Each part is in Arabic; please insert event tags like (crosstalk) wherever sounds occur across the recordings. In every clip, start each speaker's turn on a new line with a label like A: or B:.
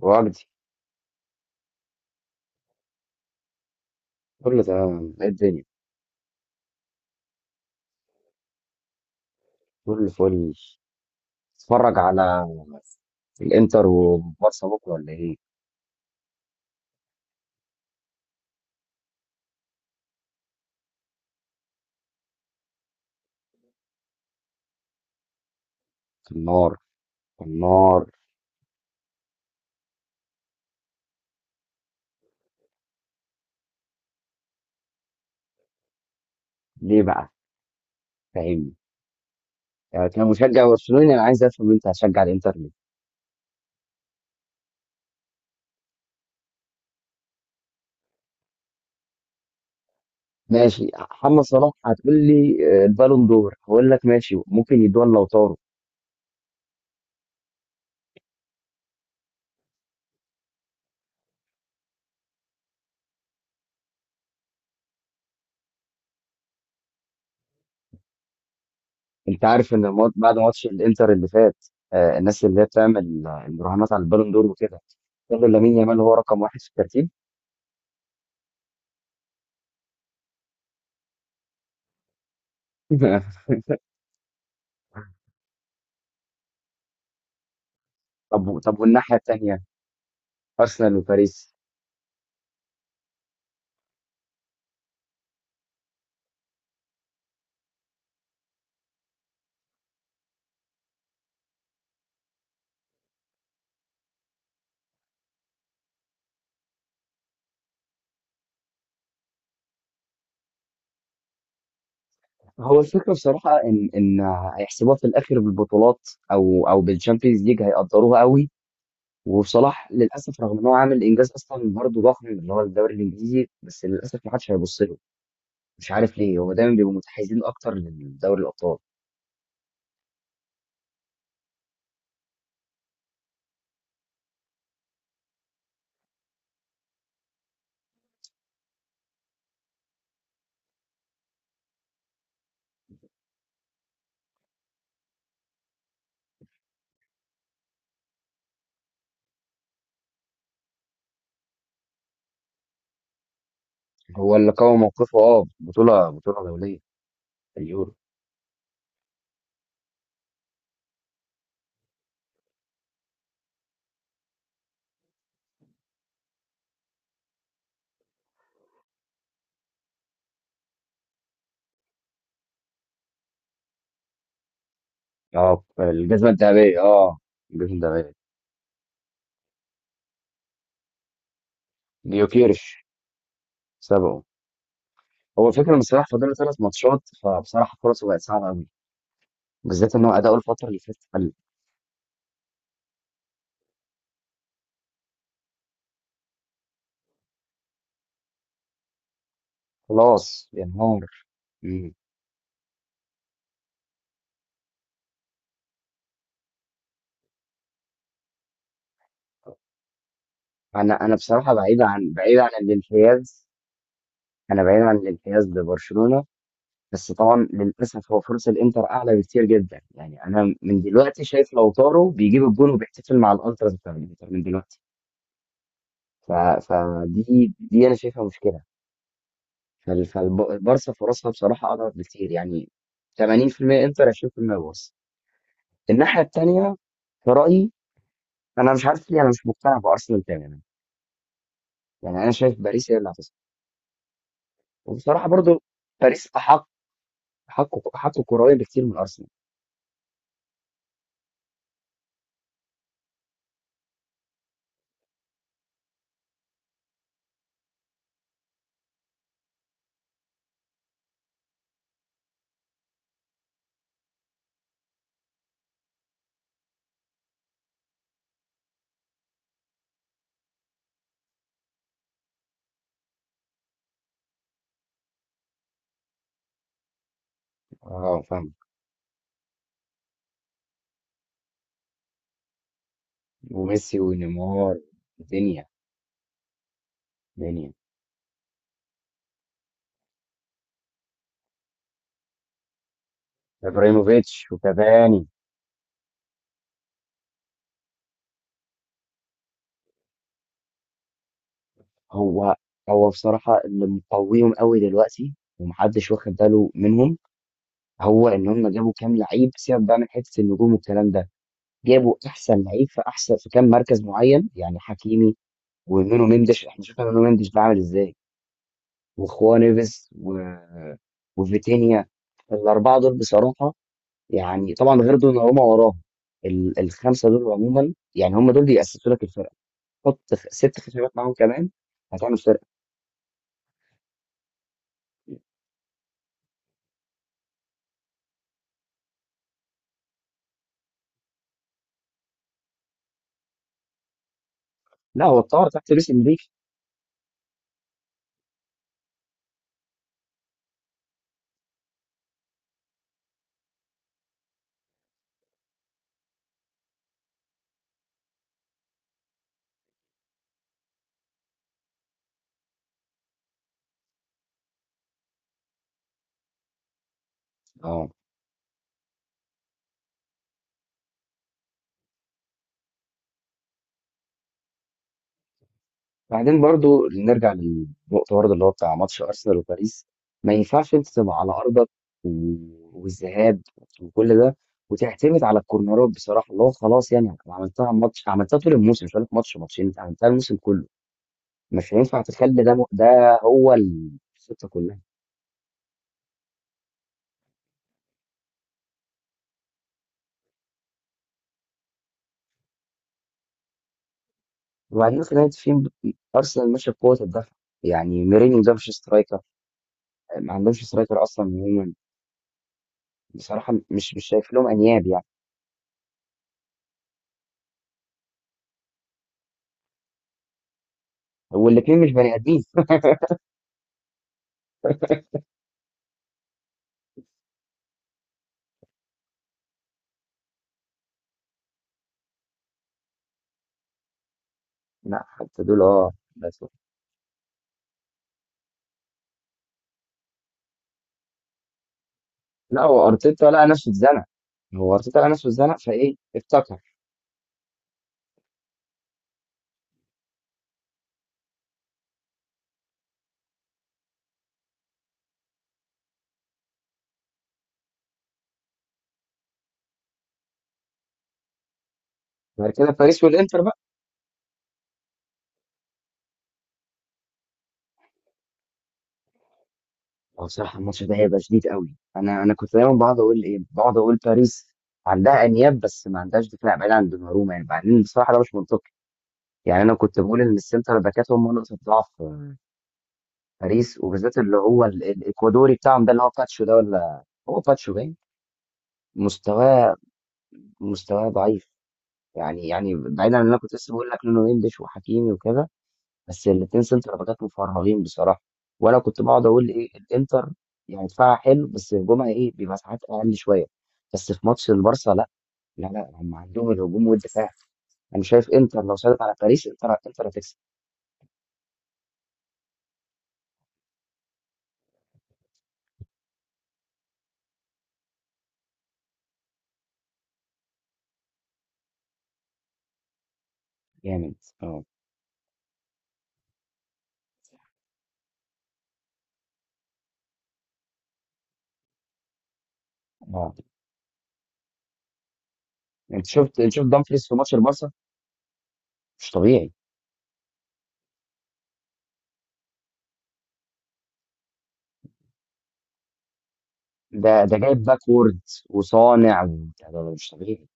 A: والدي، كله تمام. ايه الدنيا؟ كله فل. اتفرج على الانتر وبارسا بكره ولا ايه؟ كان نار كان نار. ليه بقى؟ فاهمني، يعني كمشجع برشلوني انا عايز افهم انت هتشجع الانتر ليه؟ ماشي محمد صلاح هتقول لي. البالون دور هقول لك ماشي، ممكن يدوها لو طاروا. انت عارف ان بعد ماتش الانتر اللي فات، الناس اللي هي بتعمل المراهنات على البالون دور وكده قالوا لامين يامال هو رقم واحد في الترتيب. (laughs) طب طب، والناحيه التانيه ارسنال وباريس. هو الفكرة بصراحة إن هيحسبوها في الآخر بالبطولات أو بالشامبيونز ليج هيقدروها قوي. وصلاح للأسف رغم إن هو عامل إنجاز أصلا برضه ضخم اللي هو الدوري الإنجليزي، بس للأسف ما حدش هيبص له. مش عارف ليه هو دايما بيبقوا متحيزين أكتر لدوري الأبطال. هو اللي قوي موقفه، بطولة بطولة دولية، اليورو. أه، الجزمة الذهبية. أه، الجزمة الذهبية. جيوكيرش سبقه. هو الفكرة إن صلاح فاضل له ثلاث ماتشات، فبصراحة فرصه بقت صعبة قوي، بالذات إن هو أداؤه الفترة اللي فاتت خلاص انهار. مم. انا بصراحه بعيد عن الانحياز. انا بعيد عن الانحياز لبرشلونه. بس طبعا للاسف هو فرصه الانتر اعلى بكتير جدا، يعني انا من دلوقتي شايف لوتارو بيجيب الجون وبيحتفل مع الالتراس بتاع الانتر من دلوقتي. ف... فدي انا شايفها مشكله. فالبارسا فرصها بصراحه اضعف بكتير يعني. 80% انتر، 20% بارسا. الناحيه الثانيه في رايي، انا مش عارف ليه انا مش مقتنع بارسنال تماما. يعني انا شايف باريس هي اللي، وبصراحة برضو باريس أحق أحق أحق كرويا بكتير من أرسنال. أه، فاهم. وميسي ونيمار، دنيا دنيا، إبراهيموفيتش وكافاني. هو هو بصراحة اللي مقويهم قوي دلوقتي ومحدش واخد باله منهم، هو إن هم جابوا كام لعيب. سيبك بقى من حتة النجوم والكلام ده، جابوا أحسن لعيب في أحسن في كام مركز معين، يعني حكيمي ومنو مندش. إحنا شفنا منو مندش بعمل إزاي، وخوان إيفيز و... وفيتينيا. الأربعة دول بصراحة، يعني طبعا غير دوناروما وراهم، الخمسه دول عموما يعني هم دول بيأسسوا لك الفرقه. حط ست خشبات معاهم كمان، هتعمل فرقه. لا، هو اتطور تحت لويس انريكي. اه، بعدين برضو نرجع للنقطه برضو اللي هو بتاع ماتش ارسنال وباريس. ما ينفعش انت تبقى على ارضك والذهاب وكل ده، وتعتمد على الكورنرات بصراحه اللي هو خلاص، يعني أنا عملتها ماتش، عملتها طول الموسم، مش هقول لك ماتش ماتشين، أنت عملتها الموسم كله. مش هينفع تخلي ده هو الخطه كلها. وبعدين في نهاية الفيلم أرسنال ماشية بقوة الدفع، يعني ميرينيو ده مش سترايكر. ما عندهمش سترايكر أصلا عموما. بصراحة مش شايف لهم أنياب يعني. والاتنين مش بني آدمين. لا حتى دول، بس. لا، هو أرتيتا لقى نفسه اتزنق. هو أرتيتا لقى نفسه اتزنق فإيه افتكر. بعد كده باريس والإنتر بقى. هو بصراحة الماتش ده هيبقى شديد قوي. أنا كنت دايما بقعد أقول إيه، بقعد أقول باريس عندها أنياب، بس ما عندهاش دفاع بعيد عن دوناروما. يعني بعدين بصراحة ده مش منطقي. يعني أنا كنت بقول إن السنتر باكات هم نقطة ضعف باريس، وبالذات اللي هو الاكوادوري بتاعهم ده اللي هو باتشو ده، ولا هو باتشو باين مستواه. مستواه ضعيف. يعني بعيدا عن اللي انا كنت لسه بقول لك لونه انجلش وحكيمي وكده، بس الاثنين سنتر باكات مفرغين بصراحه. وانا كنت بقعد اقول ايه الانتر، يعني دفاعها حلو بس هجومها ايه بيبقى ساعات اقل شويه. بس في ماتش البارسا لا، لا لا، هم عندهم الهجوم والدفاع. انا شايف انتر لو سيطر على باريس انتر انتر هتكسب. جامد. اه اه، انت شفت، انت شفت دامفريز في ماتش البارسا؟ مش طبيعي. ده جايب باكورد وصانع ده مش طبيعي.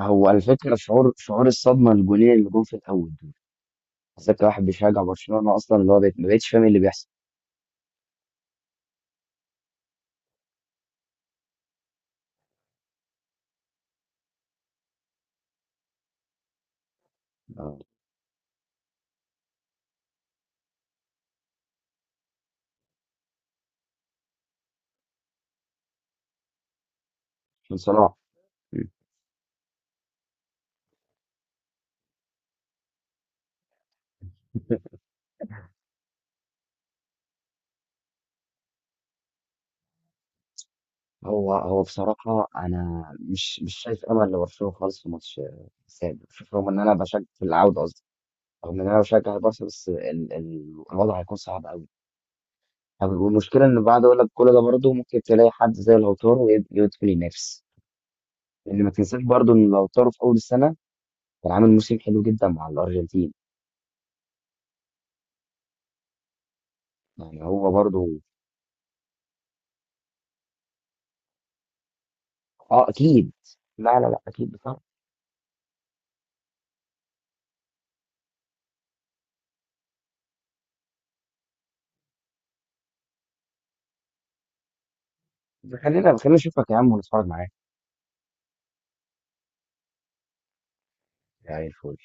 A: هو الفكره شعور الصدمه الجولين اللي جم في الاول دول، بالذات كواحد بيشجع برشلونه اصلا اللي هو ما بقتش فاهم إيه اللي بيحصل. آه، من صلاح. مم. هو بصراحه انا مش شايف امل لبرشلونه خالص في ماتش السادس. شوف رغم ان انا بشجع في العوده قصدي، رغم ان انا بشجع البارسا، بس الوضع هيكون صعب قوي. والمشكله ان بعد اقول لك كل ده برضه ممكن تلاقي حد زي لوتارو يدخل ينافس، لان ما تنساش برضه ان لوتارو في اول السنه كان عامل موسم حلو جدا مع الارجنتين. يعني هو برضو. اه اكيد. لا لا لا، اكيد بصراحه. خلينا خلينا نشوفك يا عم ونتفرج معاك. يعني الفول